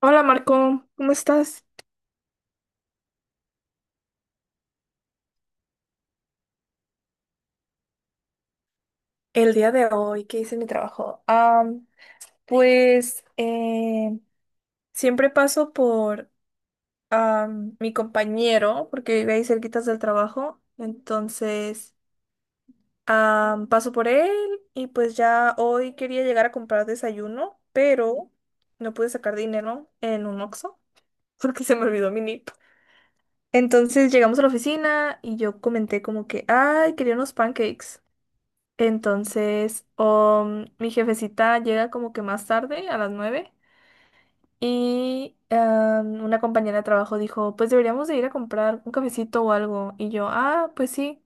Hola Marco, ¿cómo estás? El día de hoy, ¿qué hice en mi trabajo? Am, pues siempre paso por mi compañero, porque vive ahí cerquitas del trabajo, entonces paso por él y pues ya hoy quería llegar a comprar desayuno, pero no pude sacar dinero en un Oxxo porque se me olvidó mi NIP. Entonces llegamos a la oficina y yo comenté como que, ay, quería unos pancakes. Entonces, mi jefecita llega como que más tarde, a las 9, y una compañera de trabajo dijo, pues deberíamos de ir a comprar un cafecito o algo. Y yo, ah, pues sí,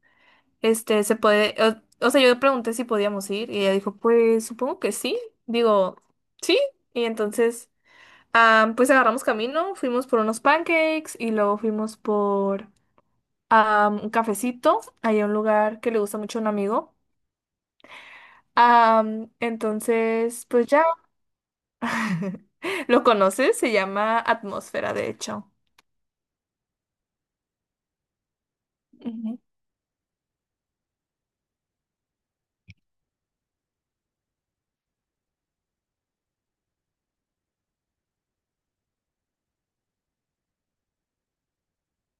se puede, o sea, yo pregunté si podíamos ir y ella dijo, pues supongo que sí. Digo, sí. Y entonces, pues agarramos camino, fuimos por unos pancakes y luego fuimos por un cafecito, ahí a un lugar que le gusta mucho a un amigo. Entonces, pues ya lo conoces, se llama Atmósfera, de hecho. Ujú.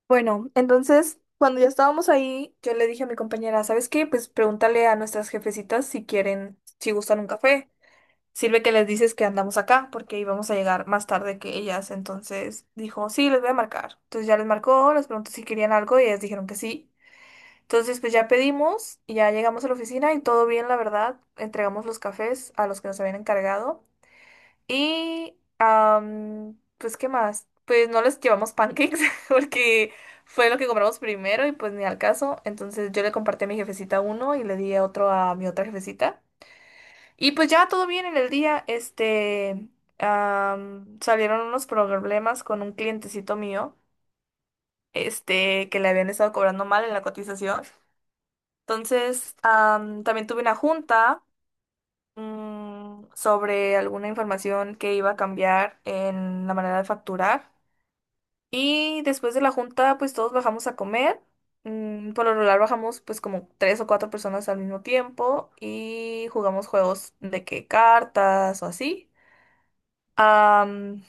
Bueno, entonces, cuando ya estábamos ahí, yo le dije a mi compañera, ¿sabes qué? Pues pregúntale a nuestras jefecitas si quieren, si gustan un café. Sirve que les dices que andamos acá porque íbamos a llegar más tarde que ellas. Entonces dijo, sí, les voy a marcar. Entonces ya les marcó, les preguntó si querían algo y ellas dijeron que sí. Entonces, pues ya pedimos, y ya llegamos a la oficina y todo bien, la verdad. Entregamos los cafés a los que nos habían encargado. Y pues, ¿qué más? Pues no les llevamos pancakes porque fue lo que compramos primero y pues ni al caso. Entonces yo le compartí a mi jefecita uno y le di otro a mi otra jefecita. Y pues ya todo bien en el día. Salieron unos problemas con un clientecito mío, este, que le habían estado cobrando mal en la cotización. Entonces, también tuve una junta sobre alguna información que iba a cambiar en la manera de facturar. Y después de la junta, pues todos bajamos a comer. Por lo regular bajamos pues como 3 o 4 personas al mismo tiempo y jugamos juegos de que cartas o así. Am,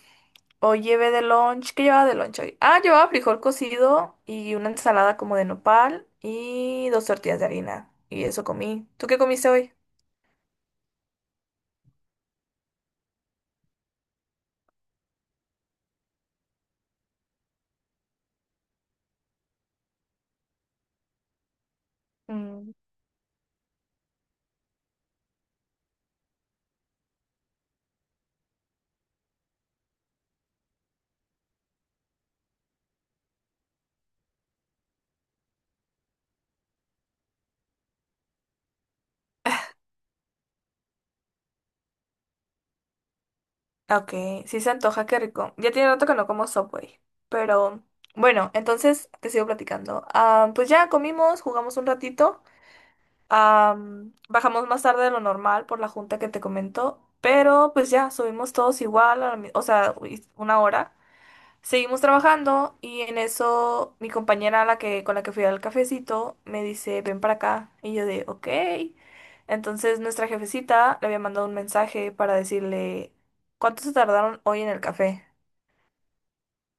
Hoy llevé de lunch. ¿Qué llevaba de lunch hoy? Ah, llevaba frijol cocido y una ensalada como de nopal y 2 tortillas de harina. Y eso comí. ¿Tú qué comiste hoy? Mm, ok, sí se antoja, qué rico. Ya tiene rato que no como Subway. Pero bueno, entonces te sigo platicando. Ah, pues ya comimos, jugamos un ratito. Bajamos más tarde de lo normal por la junta que te comentó, pero pues ya, subimos todos igual, a la o sea, uy, una hora. Seguimos trabajando y en eso mi compañera la que, con la que fui al cafecito me dice, ven para acá. Y yo de, ok. Entonces nuestra jefecita le había mandado un mensaje para decirle, ¿cuánto se tardaron hoy en el café?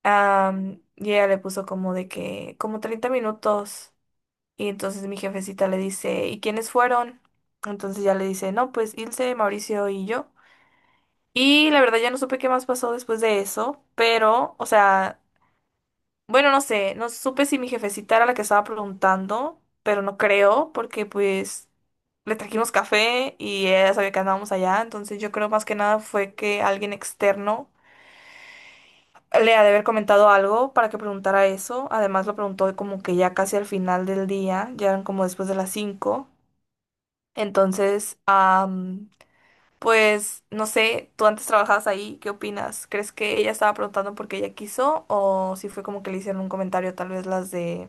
Y ella le puso como de que, como 30 minutos. Y entonces mi jefecita le dice, ¿y quiénes fueron? Entonces ya le dice, no, pues Ilse, Mauricio y yo. Y la verdad ya no supe qué más pasó después de eso, pero, o sea, bueno, no sé, no supe si mi jefecita era la que estaba preguntando, pero no creo, porque pues le trajimos café y ella sabía que andábamos allá, entonces yo creo más que nada fue que alguien externo le ha de haber comentado algo para que preguntara eso, además lo preguntó como que ya casi al final del día, ya eran como después de las 5. Entonces, pues no sé, tú antes trabajabas ahí, ¿qué opinas? ¿Crees que ella estaba preguntando porque ella quiso o si fue como que le hicieron un comentario, tal vez las de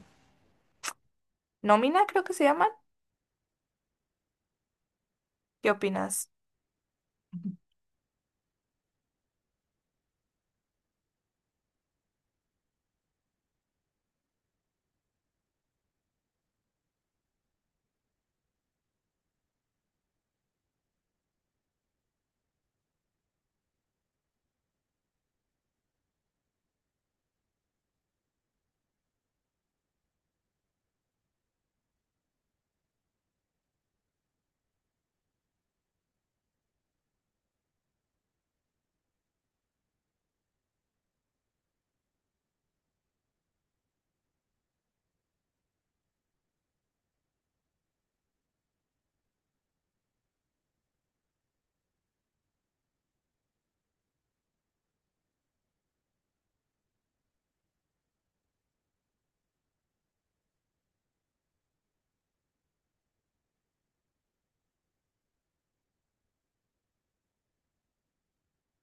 nómina, creo que se llaman? ¿Qué opinas?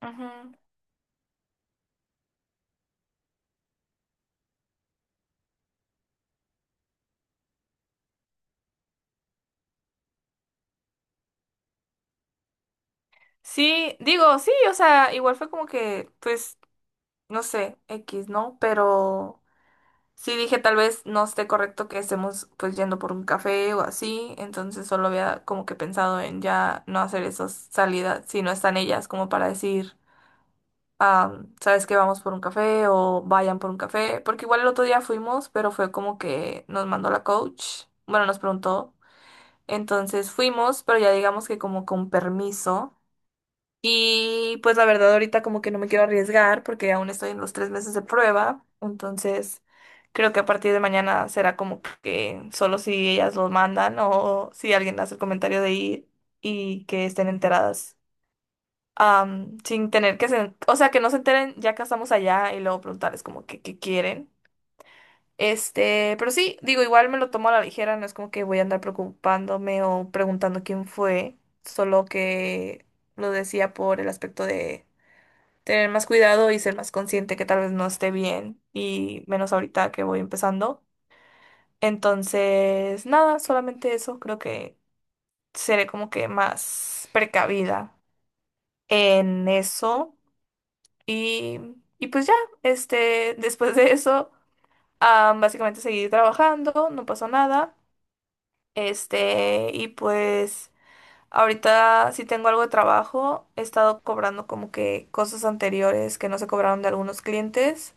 Ujú. Sí, digo, sí, o sea, igual fue como que, pues, no sé, X, ¿no? Pero sí dije, tal vez no esté correcto que estemos pues yendo por un café o así, entonces solo había como que pensado en ya no hacer esas salidas si no están ellas como para decir. Ah, ¿sabes que vamos por un café o vayan por un café, porque igual el otro día fuimos, pero fue como que nos mandó la coach, bueno, nos preguntó, entonces fuimos, pero ya digamos que como con permiso. Y pues la verdad ahorita como que no me quiero arriesgar porque aún estoy en los 3 meses de prueba, entonces creo que a partir de mañana será como que solo si ellas lo mandan o si alguien hace el comentario de ir y que estén enteradas, sin tener que se, o sea, que no se enteren ya que estamos allá y luego preguntarles como que qué quieren. Este, pero sí, digo, igual me lo tomo a la ligera, no es como que voy a andar preocupándome o preguntando quién fue, solo que lo decía por el aspecto de tener más cuidado y ser más consciente que tal vez no esté bien y menos ahorita que voy empezando. Entonces, nada, solamente eso, creo que seré como que más precavida en eso. Y, y pues ya, este, después de eso, ah, básicamente seguí trabajando, no pasó nada. Este, y pues ahorita sí tengo algo de trabajo, he estado cobrando como que cosas anteriores que no se cobraron de algunos clientes.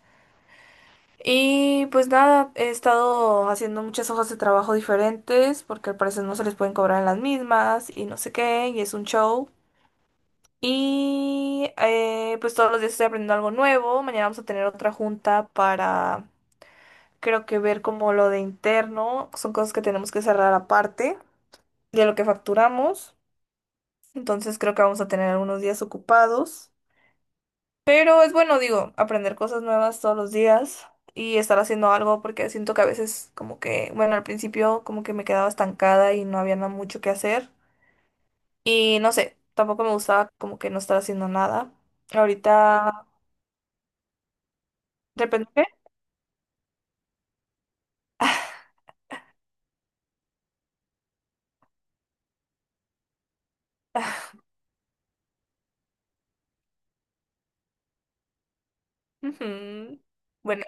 Y pues nada, he estado haciendo muchas hojas de trabajo diferentes porque al parecer no se les pueden cobrar en las mismas y no sé qué, y es un show. Y pues todos los días estoy aprendiendo algo nuevo. Mañana vamos a tener otra junta para, creo que ver como lo de interno. Son cosas que tenemos que cerrar aparte de lo que facturamos. Entonces creo que vamos a tener algunos días ocupados. Pero es bueno, digo, aprender cosas nuevas todos los días y estar haciendo algo porque siento que a veces como que, bueno, al principio como que me quedaba estancada y no había nada mucho que hacer. Y no sé, tampoco me gustaba como que no estar haciendo nada. Ahorita, de repente... Ujú. Bueno,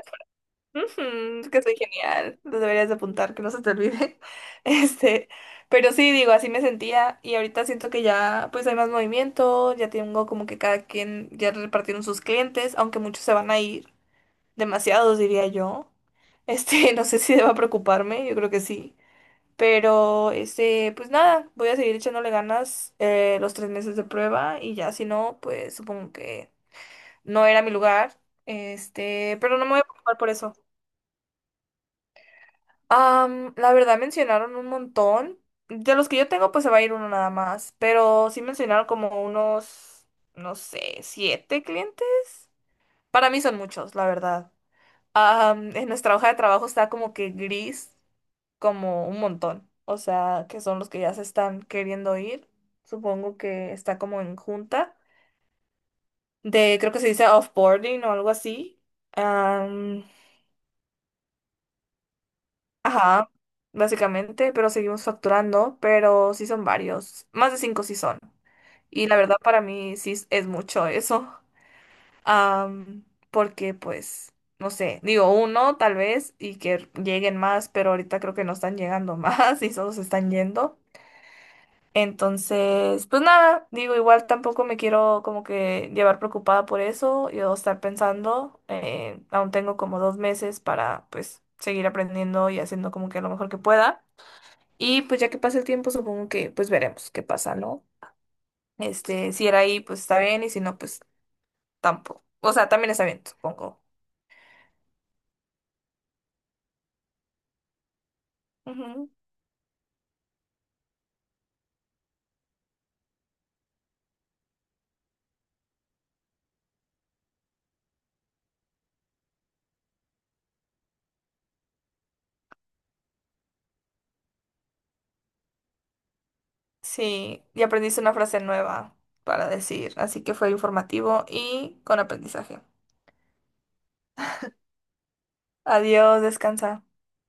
ujú, es que soy genial. Lo deberías de apuntar, que no se te olvide. Este, pero sí, digo, así me sentía y ahorita siento que ya pues hay más movimiento, ya tengo como que cada quien ya repartieron sus clientes, aunque muchos se van a ir, demasiados diría yo. Este, no sé si deba preocuparme, yo creo que sí. Pero, este, pues nada, voy a seguir echándole ganas los 3 meses de prueba y ya si no, pues supongo que no era mi lugar, este, pero no me voy a preocupar por eso. La verdad mencionaron un montón. De los que yo tengo, pues se va a ir uno nada más, pero sí mencionaron como unos, no sé, 7 clientes. Para mí son muchos, la verdad. En nuestra hoja de trabajo está como que gris, como un montón. O sea, que son los que ya se están queriendo ir. Supongo que está como en junta de, creo que se dice offboarding o algo así. Ajá, básicamente, pero seguimos facturando, pero sí son varios, más de 5 sí son. Y la verdad para mí sí es mucho eso. Am, Porque pues, no sé, digo uno tal vez y que lleguen más, pero ahorita creo que no están llegando más y solo se están yendo. Entonces, pues nada, digo, igual tampoco me quiero como que llevar preocupada por eso, yo estar pensando, aún tengo como 2 meses para pues seguir aprendiendo y haciendo como que lo mejor que pueda. Y pues ya que pasa el tiempo, supongo que pues veremos qué pasa, ¿no? Este, si era ahí, pues está bien, y si no, pues tampoco. O sea, también está bien, supongo. Ujú. Sí, y aprendiste una frase nueva para decir, así que fue informativo y con aprendizaje. Adiós, descansa.